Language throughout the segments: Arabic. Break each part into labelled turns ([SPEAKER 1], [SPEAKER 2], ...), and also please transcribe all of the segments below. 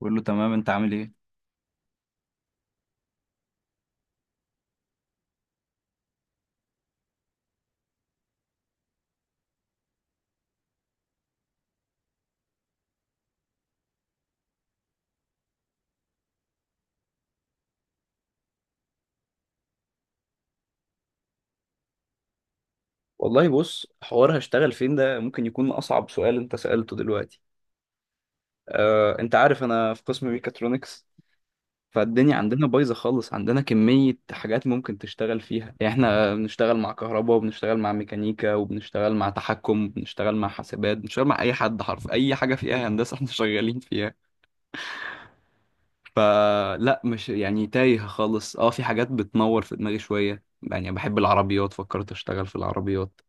[SPEAKER 1] بقول له تمام، انت عامل ايه؟ والله، بص، حوار هشتغل فين ده ممكن يكون أصعب سؤال أنت سألته دلوقتي. أنت عارف أنا في قسم ميكاترونكس. فالدنيا عندنا بايظة خالص، عندنا كمية حاجات ممكن تشتغل فيها. يعني إحنا بنشتغل مع كهرباء، وبنشتغل مع ميكانيكا، وبنشتغل مع تحكم، وبنشتغل مع حاسبات، بنشتغل مع أي حد حرف أي حاجة فيها هندسة إحنا شغالين فيها. فلا مش يعني تايه خالص. في حاجات بتنور في دماغي شوية، يعني بحب العربيات، فكرت أشتغل في العربيات.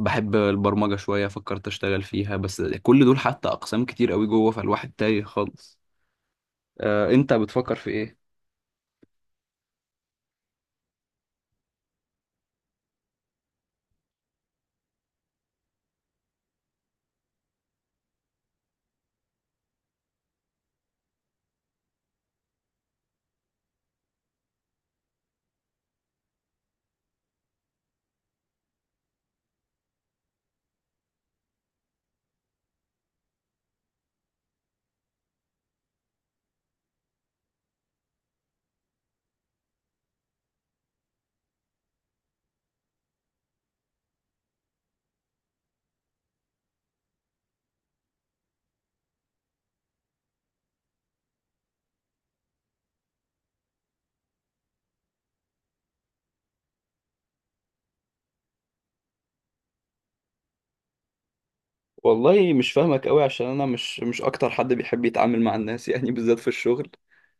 [SPEAKER 1] بحب البرمجة شوية، فكرت اشتغل فيها. بس كل دول حتى اقسام كتير قوي جوه، فالواحد تايه خالص. انت بتفكر في ايه؟ والله مش فاهمك قوي، عشان انا مش اكتر حد بيحب يتعامل مع الناس يعني بالذات في الشغل.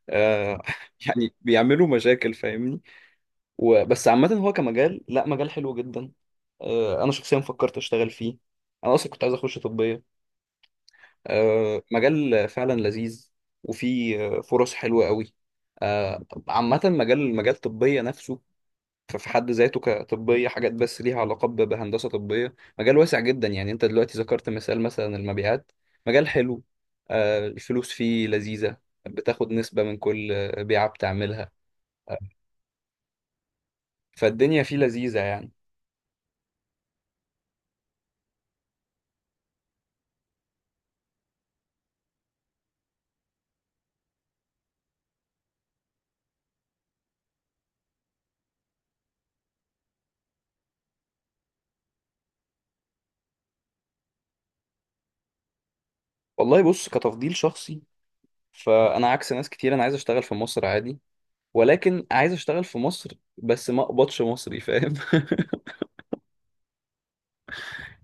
[SPEAKER 1] آه. يعني بيعملوا مشاكل، فاهمني؟ وبس، عامة هو كمجال، لا، مجال حلو جدا. انا شخصيا فكرت اشتغل فيه. انا اصلا كنت عايز اخش طبية. مجال فعلا لذيذ. وفيه فرص حلوة قوي. عامة، مجال طبية نفسه. ففي حد ذاته كطبية حاجات، بس ليها علاقة بهندسة طبية، مجال واسع جدا. يعني انت دلوقتي ذكرت مثال مثلا المبيعات. مجال حلو. الفلوس فيه لذيذة. بتاخد نسبة من كل بيعة بتعملها. آه، فالدنيا فيه لذيذة يعني. والله، بص، كتفضيل شخصي. فأنا عكس ناس كتير، أنا عايز أشتغل في مصر عادي. ولكن عايز أشتغل في مصر، بس ما أقبضش مصري، فاهم؟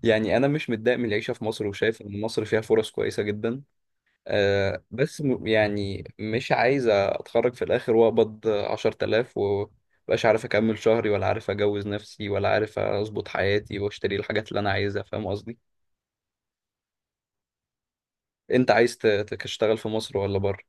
[SPEAKER 1] يعني أنا مش متضايق من العيشة في مصر، وشايف إن مصر فيها فرص كويسة جدا. بس يعني مش عايز اتخرج في الاخر واقبض 10,000 ومبقاش عارف اكمل شهري، ولا عارف اجوز نفسي، ولا عارف اظبط حياتي، واشتري الحاجات اللي انا عايزها، فاهم قصدي؟ انت عايز تشتغل في مصر ولا بره؟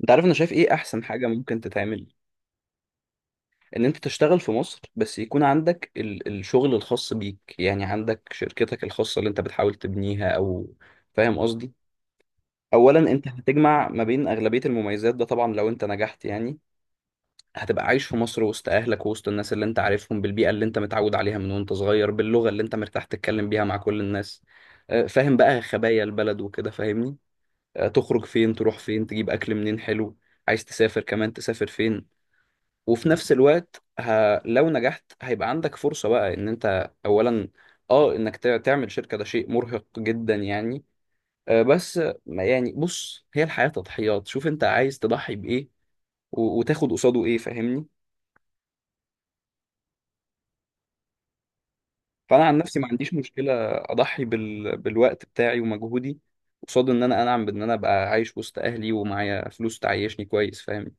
[SPEAKER 1] انت عارف انا شايف ايه احسن حاجة ممكن تتعمل؟ ان انت تشتغل في مصر، بس يكون عندك الشغل الخاص بيك. يعني عندك شركتك الخاصة اللي انت بتحاول تبنيها، او... فاهم قصدي؟ اولا، انت هتجمع ما بين اغلبية المميزات ده، طبعا لو انت نجحت يعني. هتبقى عايش في مصر وسط اهلك ووسط الناس اللي انت عارفهم، بالبيئه اللي انت متعود عليها من وانت صغير، باللغه اللي انت مرتاح تتكلم بيها مع كل الناس. فاهم بقى خبايا البلد وكده، فاهمني؟ تخرج فين، تروح فين، تجيب اكل منين حلو. عايز تسافر كمان، تسافر فين. وفي نفس الوقت لو نجحت هيبقى عندك فرصه بقى ان انت اولا، اه انك تعمل شركه، ده شيء مرهق جدا يعني. بس يعني بص، هي الحياه تضحيات. شوف انت عايز تضحي بايه وتاخد قصاده ايه، فاهمني؟ فانا عن نفسي ما عنديش مشكله اضحي بالوقت بتاعي ومجهودي، قصاد ان انا انعم بان انا ابقى عايش وسط اهلي، ومعايا فلوس تعيشني كويس، فاهم؟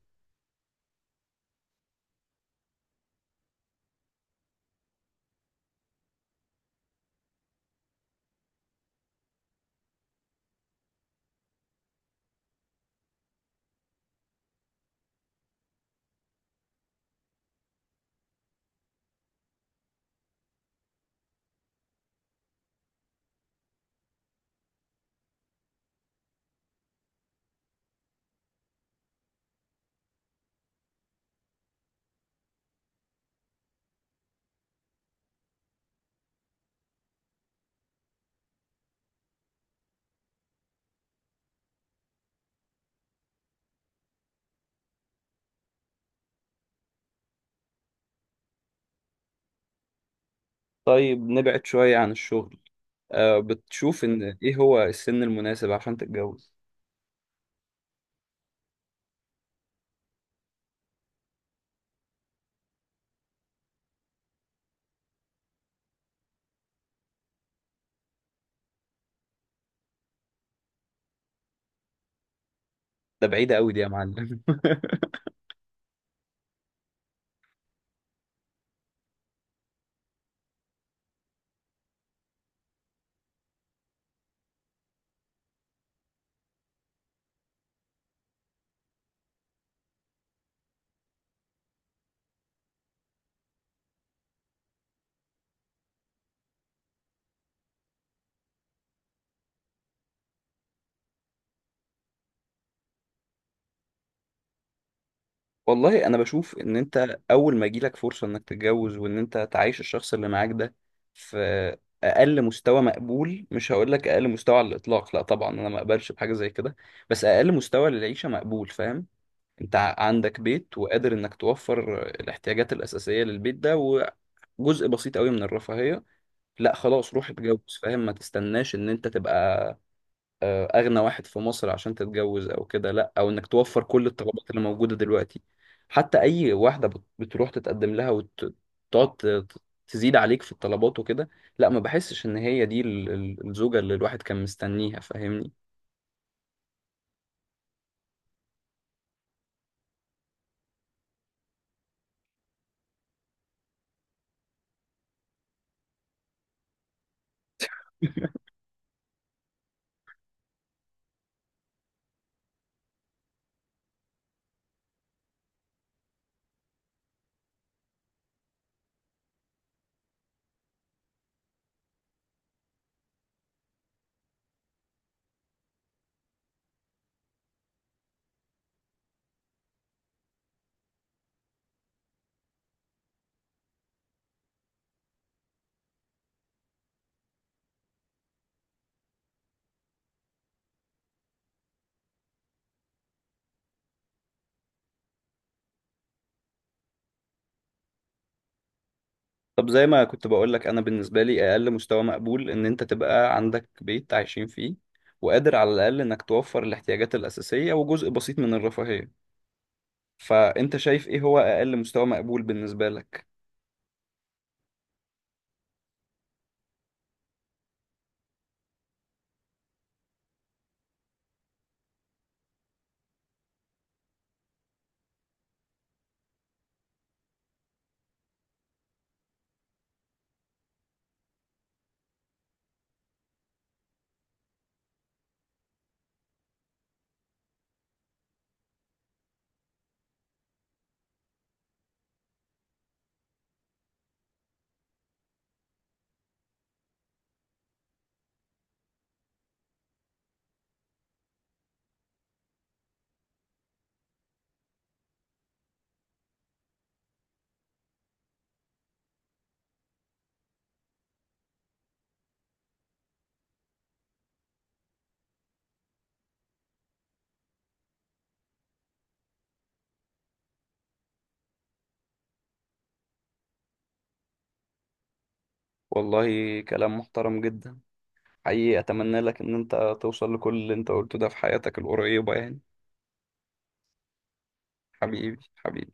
[SPEAKER 1] طيب، نبعد شويه عن الشغل. بتشوف ان ايه هو السن المناسب عشان تتجوز؟ ده بعيدة قوي دي، يا معلم. والله، انا بشوف ان انت اول ما يجيلك فرصة انك تتجوز، وان انت تعيش الشخص اللي معاك ده في اقل مستوى مقبول. مش هقول لك اقل مستوى على الاطلاق، لا طبعا، انا ما اقبلش بحاجة زي كده. بس اقل مستوى للعيشة مقبول، فاهم؟ انت عندك بيت وقادر انك توفر الاحتياجات الاساسيه للبيت ده، وجزء بسيط قوي من الرفاهيه. لا خلاص، روح اتجوز، فاهم؟ ما تستناش ان انت تبقى اغنى واحد في مصر عشان تتجوز، او كده لا، او انك توفر كل الطلبات اللي موجوده دلوقتي. حتى اي واحده بتروح تتقدم لها وتقعد تزيد عليك في الطلبات وكده، لا، ما بحسش ان هي دي الزوجه اللي الواحد كان مستنيها، فاهمني؟ طب، زي ما كنت بقول لك، انا بالنسبه لي اقل مستوى مقبول ان انت تبقى عندك بيت عايشين فيه، وقادر على الاقل انك توفر الاحتياجات الاساسيه، وجزء بسيط من الرفاهيه. فانت شايف ايه هو اقل مستوى مقبول بالنسبه لك؟ والله، كلام محترم جدا. حقيقي اتمنى لك ان انت توصل لكل اللي انت قلته ده في حياتك القريبه يعني. حبيبي، حبيبي.